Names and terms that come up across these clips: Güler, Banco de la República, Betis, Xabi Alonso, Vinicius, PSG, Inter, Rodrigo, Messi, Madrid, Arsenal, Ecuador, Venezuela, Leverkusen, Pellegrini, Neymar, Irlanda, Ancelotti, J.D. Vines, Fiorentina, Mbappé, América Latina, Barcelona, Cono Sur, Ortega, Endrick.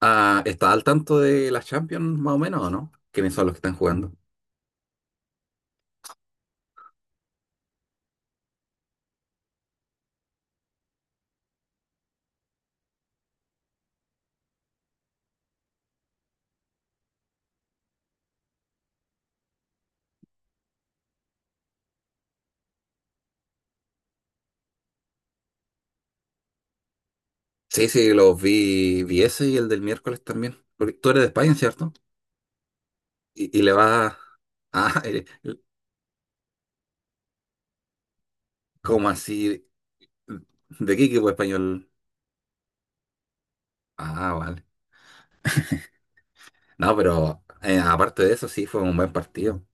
Ah, ¿estás al tanto de las Champions, más o menos, o no? ¿Quiénes son los que están jugando? Sí, sí, los vi, vi ese y el del miércoles también. Porque tú eres de España, ¿cierto? Y le vas Ah, eres- ¿cómo así? ¿De qué equipo español? Ah, vale. No, pero aparte de eso, sí, fue un buen partido.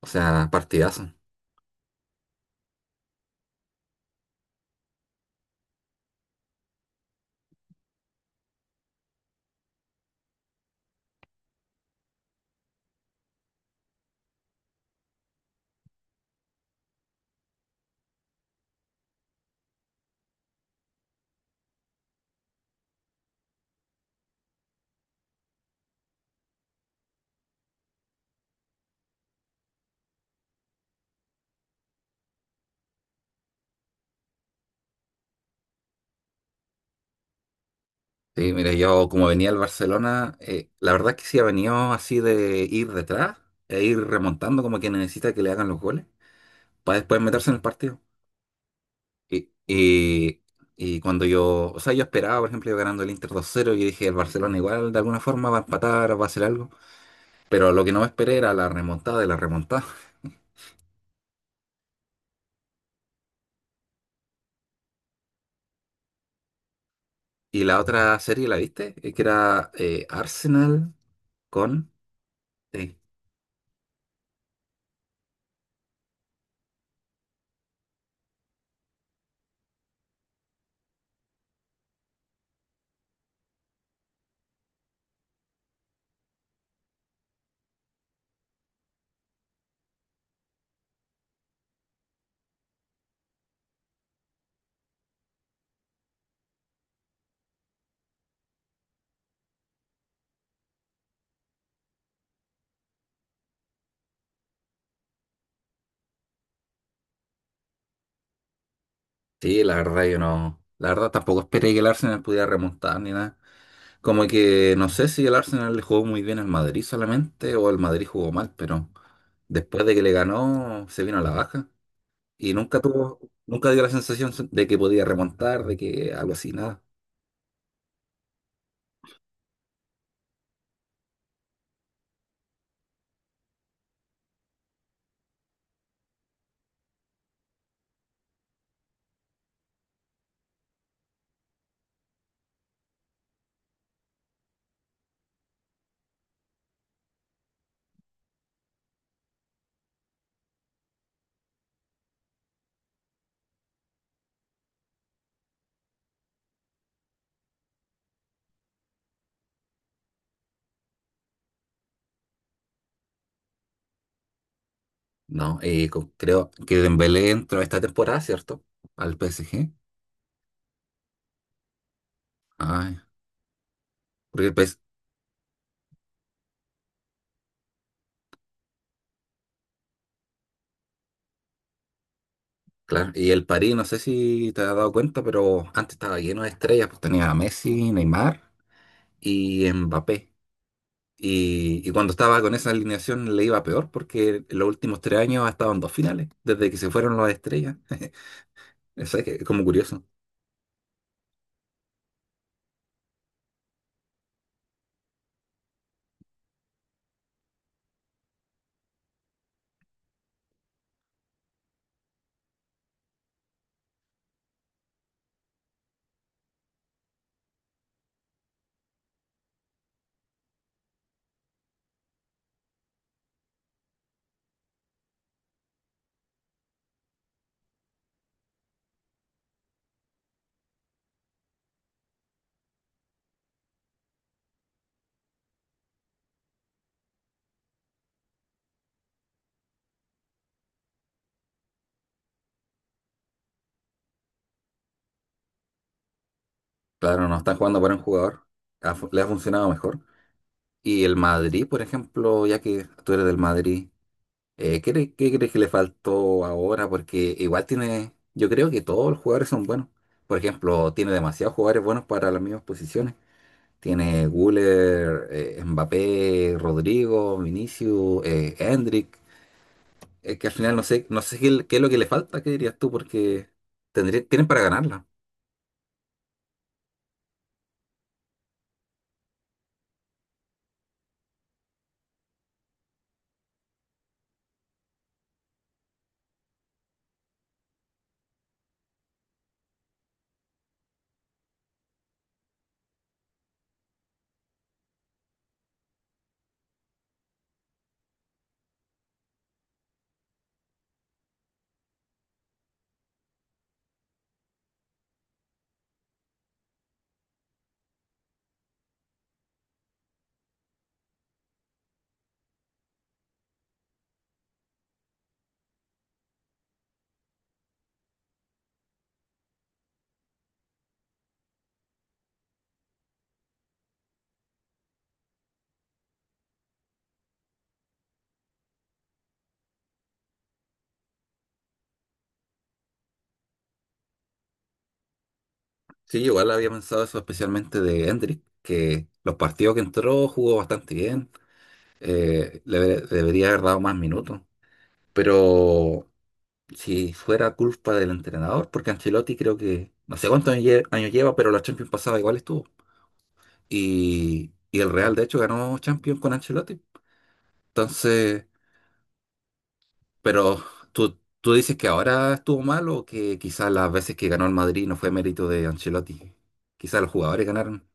O sea, partidazo. Sí, mira, yo como venía al Barcelona, la verdad es que sí ha venido así de ir detrás e ir remontando como que necesita que le hagan los goles para después meterse en el partido. Y, y- y cuando yo, o sea, yo esperaba, por ejemplo, yo ganando el Inter dos cero y dije, el Barcelona igual de alguna forma va a empatar, va a hacer algo. Pero lo que no me esperé era la remontada de la remontada. Y la otra serie, ¿la viste? Que era Arsenal con... Sí. Sí, la verdad yo no... La verdad tampoco esperé que el Arsenal pudiera remontar ni nada. Como que no sé si el Arsenal le jugó muy bien al Madrid solamente o el Madrid jugó mal, pero después de que le ganó se vino a la baja. Y nunca tuvo, nunca dio la sensación de que podía remontar, de que algo así, nada. No, co- creo que Dembélé entró esta temporada, ¿cierto? Al PSG. Ay, porque el PSG, claro. Y el París, no sé si te has dado cuenta, pero antes estaba lleno de estrellas, pues tenía a Messi, Neymar y Mbappé. Y cuando estaba con esa alineación le iba peor porque en los últimos tres años ha estado en dos finales, desde que se fueron las estrellas. Eso es que- es como curioso. Claro, no están jugando para un jugador. Ha fu- le ha funcionado mejor. Y el Madrid, por ejemplo, ya que tú eres del Madrid, ¿qué, cre- qué crees que le faltó ahora? Porque igual tiene, yo creo que todos los jugadores son buenos. Por ejemplo, tiene demasiados jugadores buenos para las mismas posiciones. Tiene Güler, Mbappé, Rodrigo, Vinicius, Endrick. Es que al final no sé, no sé qué, le- qué es lo que le falta, ¿qué dirías tú? Porque tendría, tienen para ganarla. Sí, yo igual había pensado eso especialmente de Endrick, que los partidos que entró jugó bastante bien. Le debe- debería haber dado más minutos. Pero si fuera culpa del entrenador, porque Ancelotti creo que, no sé cuántos años lle- años lleva, pero la Champions pasada igual estuvo. Y el Real, de hecho, ganó Champions con Ancelotti. Entonces, pero tú dices que ahora estuvo mal o que quizás las veces que ganó el Madrid no fue mérito de Ancelotti. Quizás los jugadores ganaron,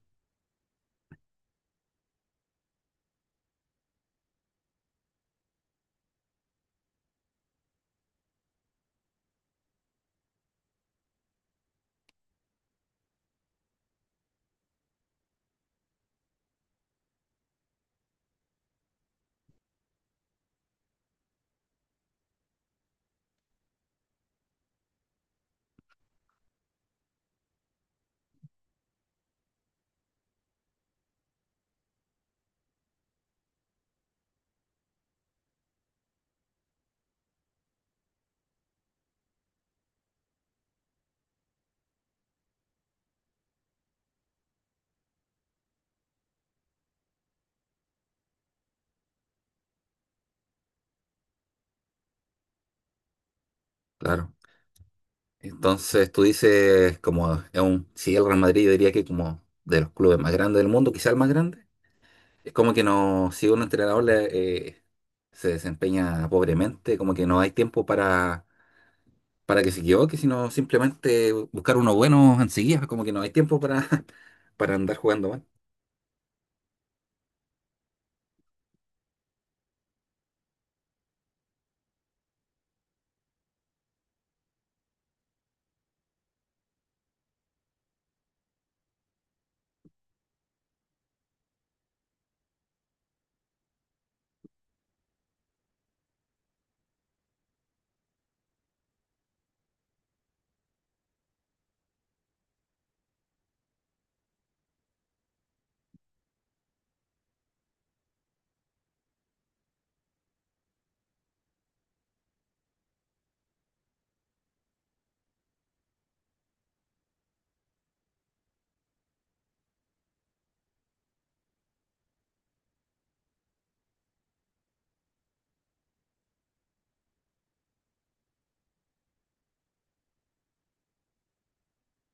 claro. Entonces tú dices, como es un, si el Real Madrid, yo diría que como de los clubes más grandes del mundo, quizás el más grande. Es como que no, si un entrenador le, se desempeña pobremente, como que no hay tiempo para que se equivoque, sino simplemente buscar uno bueno enseguida, como que no hay tiempo para, para andar jugando mal.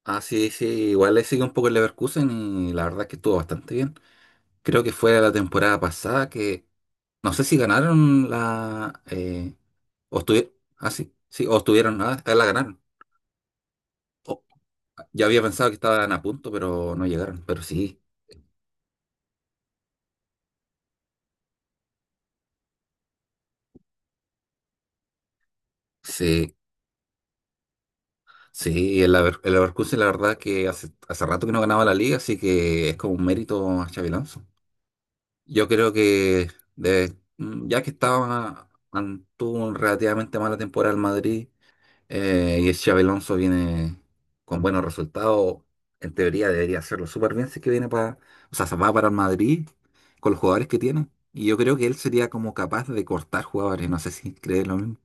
Ah, sí, sí, igual le sigue un poco el Leverkusen y la verdad es que estuvo bastante bien. Creo que fue la temporada pasada que, no sé si ganaron la, o estuvieron, ah, sí, sí, o estuvieron, ah, la ganaron. O- ya había pensado que estaban a punto, pero no llegaron, pero sí. Sí, sí, el, Lever- el Leverkusen la verdad que hace, hace rato que no ganaba la liga, así que es como un mérito a Xabi Alonso. Yo creo que de- ya que estaba, an- tuvo un relativamente mala temporada el Madrid, y el Xabi Alonso viene con buenos resultados, en teoría debería hacerlo súper bien si es que viene para, o sea, se va para el Madrid con los jugadores que tiene. Y yo creo que él sería como capaz de cortar jugadores, no sé si cree lo mismo.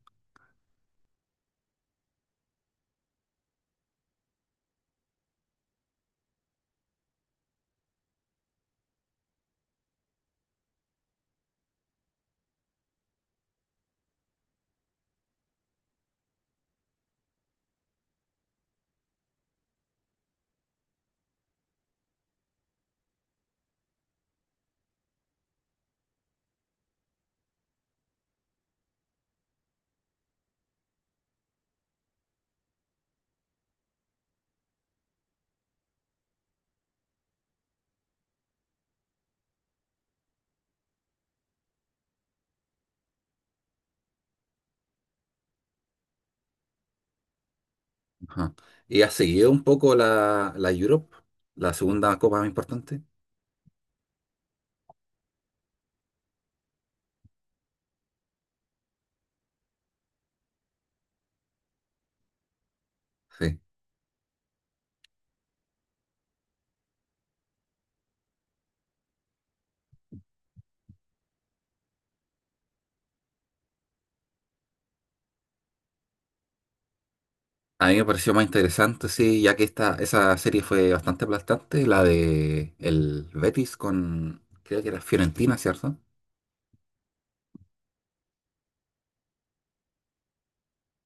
Ajá. ¿Y has seguido un poco la, la Europe, la segunda copa más importante? Sí. A mí me pareció más interesante, sí, ya que esta, esa serie fue bastante aplastante, la de el Betis con, creo que era Fiorentina, ¿cierto?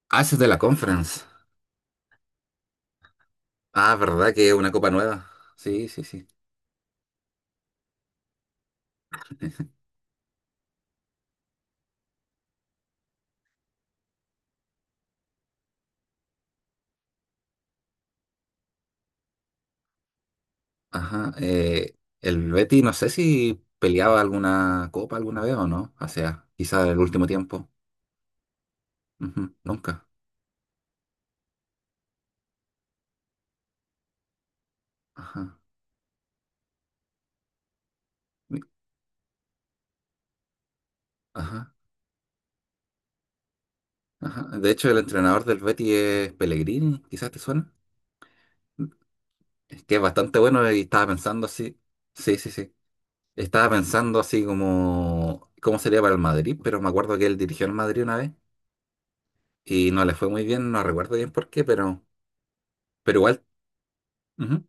Ah, esa es de la Conference. Ah, ¿verdad que es una copa nueva? Sí, sí, sí. Ajá. El Betis, no sé si peleaba alguna copa alguna vez o no. O sea, quizá el último tiempo. Ujú, nunca. Ajá. Mi- Ajá. Ajá. De hecho, el entrenador del Betis es Pellegrini, quizás te suena. Es que es bastante bueno y estaba pensando así. Sí, sí, sí. Estaba pensando así como cómo sería para el Madrid, pero me acuerdo que él dirigió al Madrid una vez y no le fue muy bien, no recuerdo bien por qué, pero igual, ujú.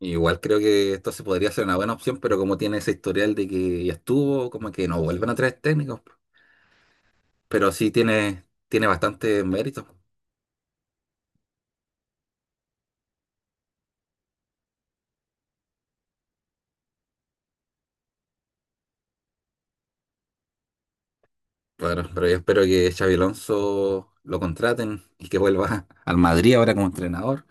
Igual creo que esto se podría ser una buena opción, pero como tiene ese historial de que ya estuvo, como que no vuelven a traer técnicos, pero sí tiene, tiene bastante mérito. Claro, pero yo espero que Xavi Alonso lo contraten y que vuelva al Madrid ahora como entrenador,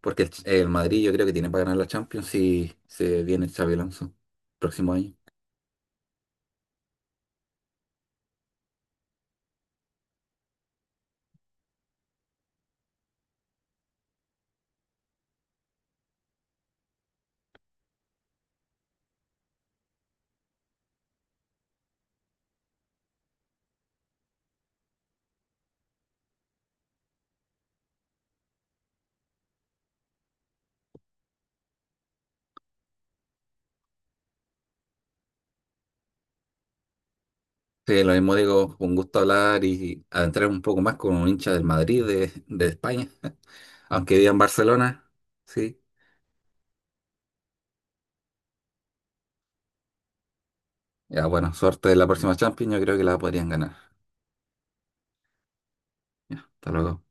porque el, Ch- el Madrid yo creo que tiene para ganar la Champions si se viene Xavi Alonso próximo año. Sí, lo mismo digo, un gusto hablar y adentrar un poco más con un hincha del Madrid de España, aunque viva en Barcelona, sí. Ya bueno, suerte de la próxima Champions, yo creo que la podrían ganar. Ya, hasta luego.